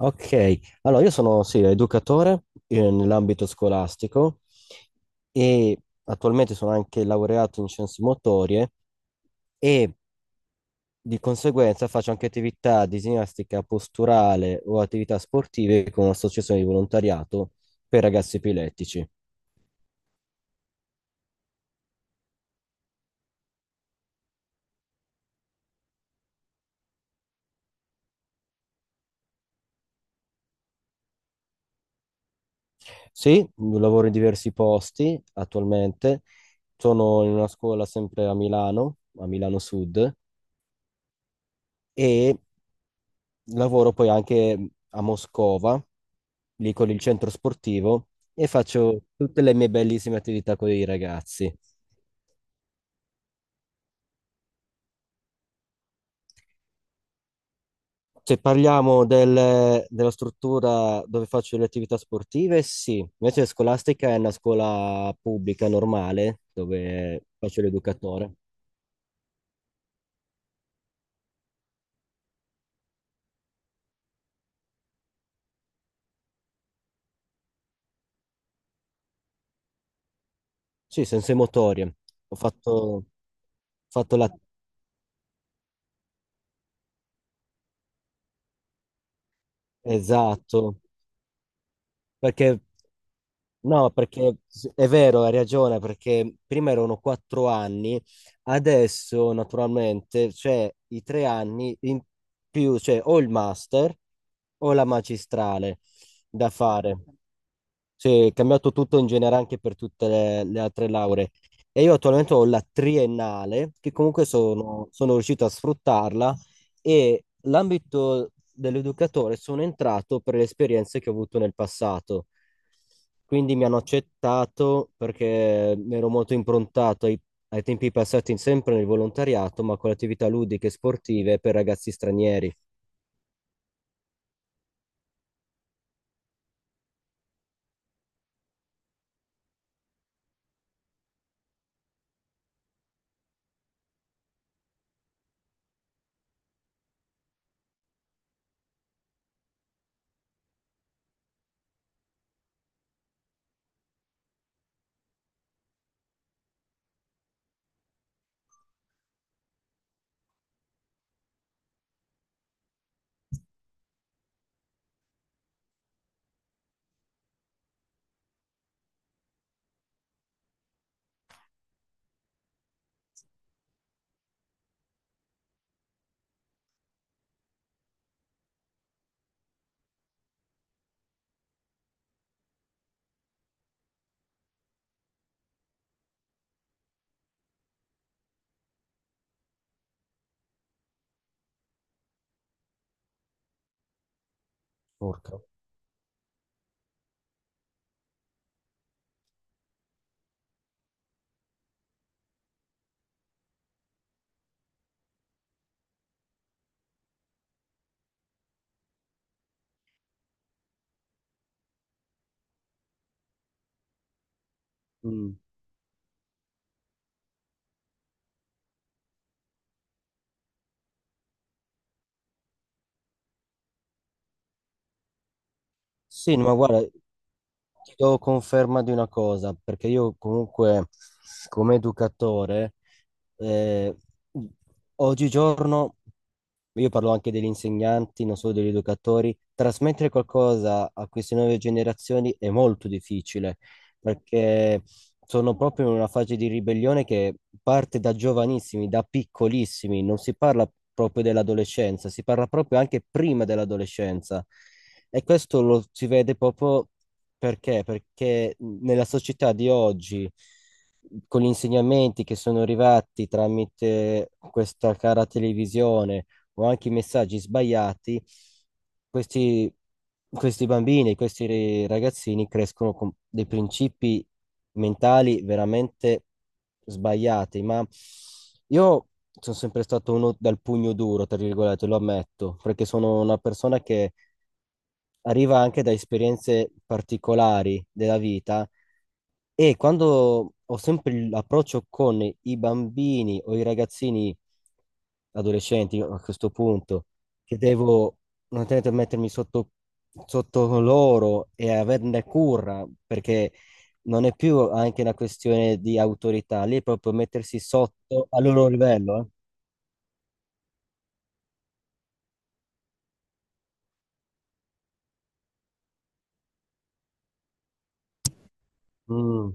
Ok, allora io sono sì, educatore nell'ambito scolastico e attualmente sono anche laureato in scienze motorie e di conseguenza faccio anche attività di ginnastica posturale o attività sportive con un'associazione di volontariato per ragazzi epilettici. Sì, lavoro in diversi posti attualmente, sono in una scuola sempre a Milano Sud e lavoro poi anche a Moscova, lì con il centro sportivo, e faccio tutte le mie bellissime attività con i ragazzi. Se parliamo della struttura dove faccio le attività sportive, sì. Invece scolastica è una scuola pubblica normale, dove faccio l'educatore. Sì, sensomotorie. Ho fatto la... Esatto, perché no, perché è vero, hai ragione, perché prima erano 4 anni, adesso naturalmente c'è i 3 anni in più, cioè o il master o la magistrale da fare. Sì, è cambiato tutto in genere anche per tutte le altre lauree. E io attualmente ho la triennale, che comunque sono riuscito a sfruttarla, e l'ambito dell'educatore sono entrato per le esperienze che ho avuto nel passato. Quindi mi hanno accettato perché mi ero molto improntato ai tempi passati sempre nel volontariato, ma con attività ludiche e sportive per ragazzi stranieri. Porca. Mm. Sì, no, ma guarda, ti do conferma di una cosa, perché io comunque come educatore, eh, oggigiorno, io parlo anche degli insegnanti, non solo degli educatori, trasmettere qualcosa a queste nuove generazioni è molto difficile, perché sono proprio in una fase di ribellione che parte da giovanissimi, da piccolissimi, non si parla proprio dell'adolescenza, si parla proprio anche prima dell'adolescenza. E questo lo si vede proprio perché? Perché nella società di oggi, con gli insegnamenti che sono arrivati tramite questa cara televisione o anche i messaggi sbagliati, questi, questi bambini, questi ragazzini crescono con dei principi mentali veramente sbagliati. Ma io sono sempre stato uno dal pugno duro, tra virgolette, lo ammetto, perché sono una persona che arriva anche da esperienze particolari della vita e quando ho sempre l'approccio con i bambini o i ragazzini adolescenti a questo punto, che devo naturalmente mettermi sotto loro e averne cura, perché non è più anche una questione di autorità, lì è proprio mettersi sotto al loro livello. Eh. Mm,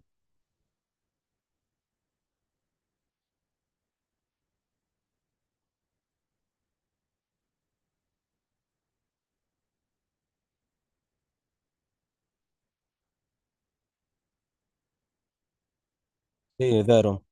sì, è vero.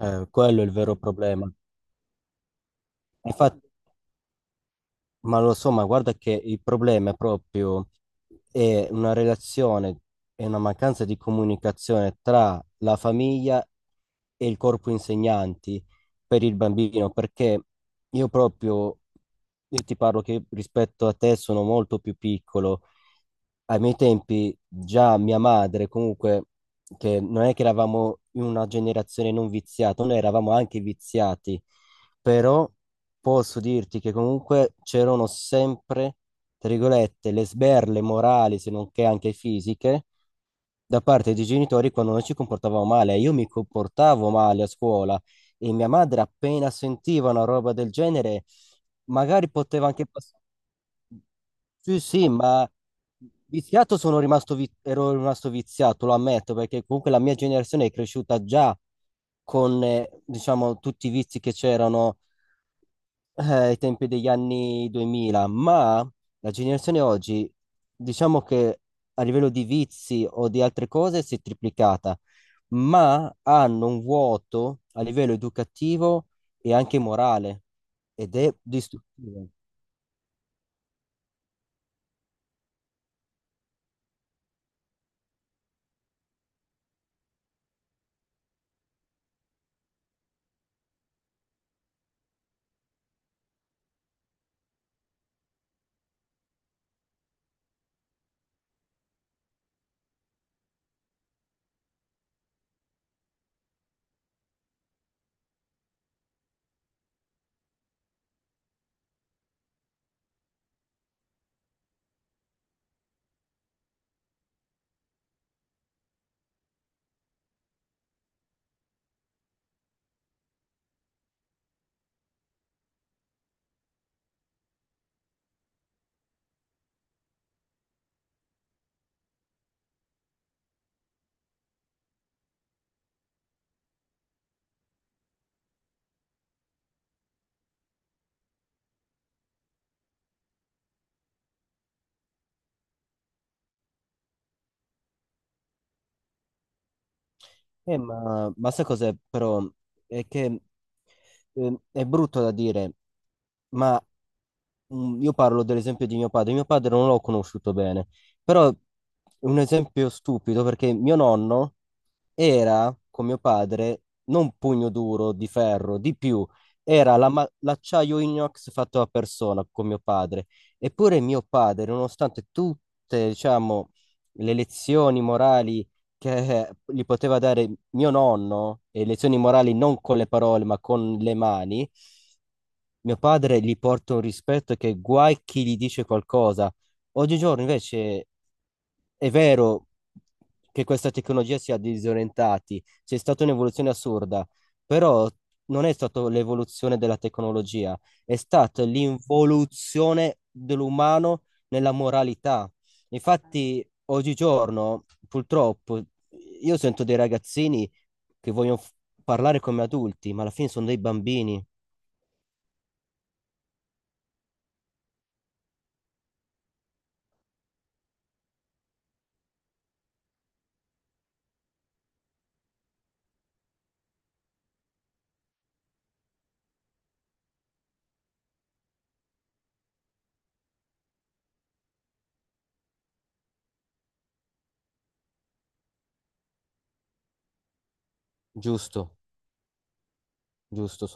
Quello è il vero problema. Infatti. Ma lo so, ma guarda che il problema è una relazione, è una mancanza di comunicazione tra la famiglia e il corpo insegnanti per il bambino, perché io proprio, io ti parlo che rispetto a te sono molto più piccolo. Ai miei tempi già mia madre, comunque, che non è che eravamo in una generazione non viziata, noi eravamo anche viziati, però posso dirti che comunque c'erano sempre, tra virgolette, le sberle morali, se non che anche fisiche, da parte dei genitori quando noi ci comportavamo male. Io mi comportavo male a scuola e mia madre appena sentiva una roba del genere, magari poteva anche passare. Sì, sì, ma viziato sono rimasto, ero rimasto viziato, lo ammetto, perché comunque la mia generazione è cresciuta già con, diciamo, tutti i vizi che c'erano ai tempi degli anni 2000, ma la generazione oggi, diciamo che a livello di vizi o di altre cose si è triplicata, ma hanno un vuoto a livello educativo e anche morale ed è distruttivo. Ma sai cos'è però? È che è brutto da dire, ma io parlo dell'esempio di mio padre. Mio padre non l'ho conosciuto bene, però è un esempio stupido perché mio nonno era, con mio padre, non pugno duro di ferro, di più, era la l'acciaio inox fatto a persona con mio padre. Eppure mio padre, nonostante tutte, diciamo, le lezioni morali che gli poteva dare mio nonno, e lezioni morali non con le parole, ma con le mani, mio padre gli porta un rispetto che guai chi gli dice qualcosa. Oggigiorno invece è vero che questa tecnologia sia disorientati, c'è stata un'evoluzione assurda, però non è stata l'evoluzione della tecnologia, è stata l'involuzione dell'umano nella moralità. Infatti, oggigiorno, purtroppo, io sento dei ragazzini che vogliono parlare come adulti, ma alla fine sono dei bambini, giusto, giusto.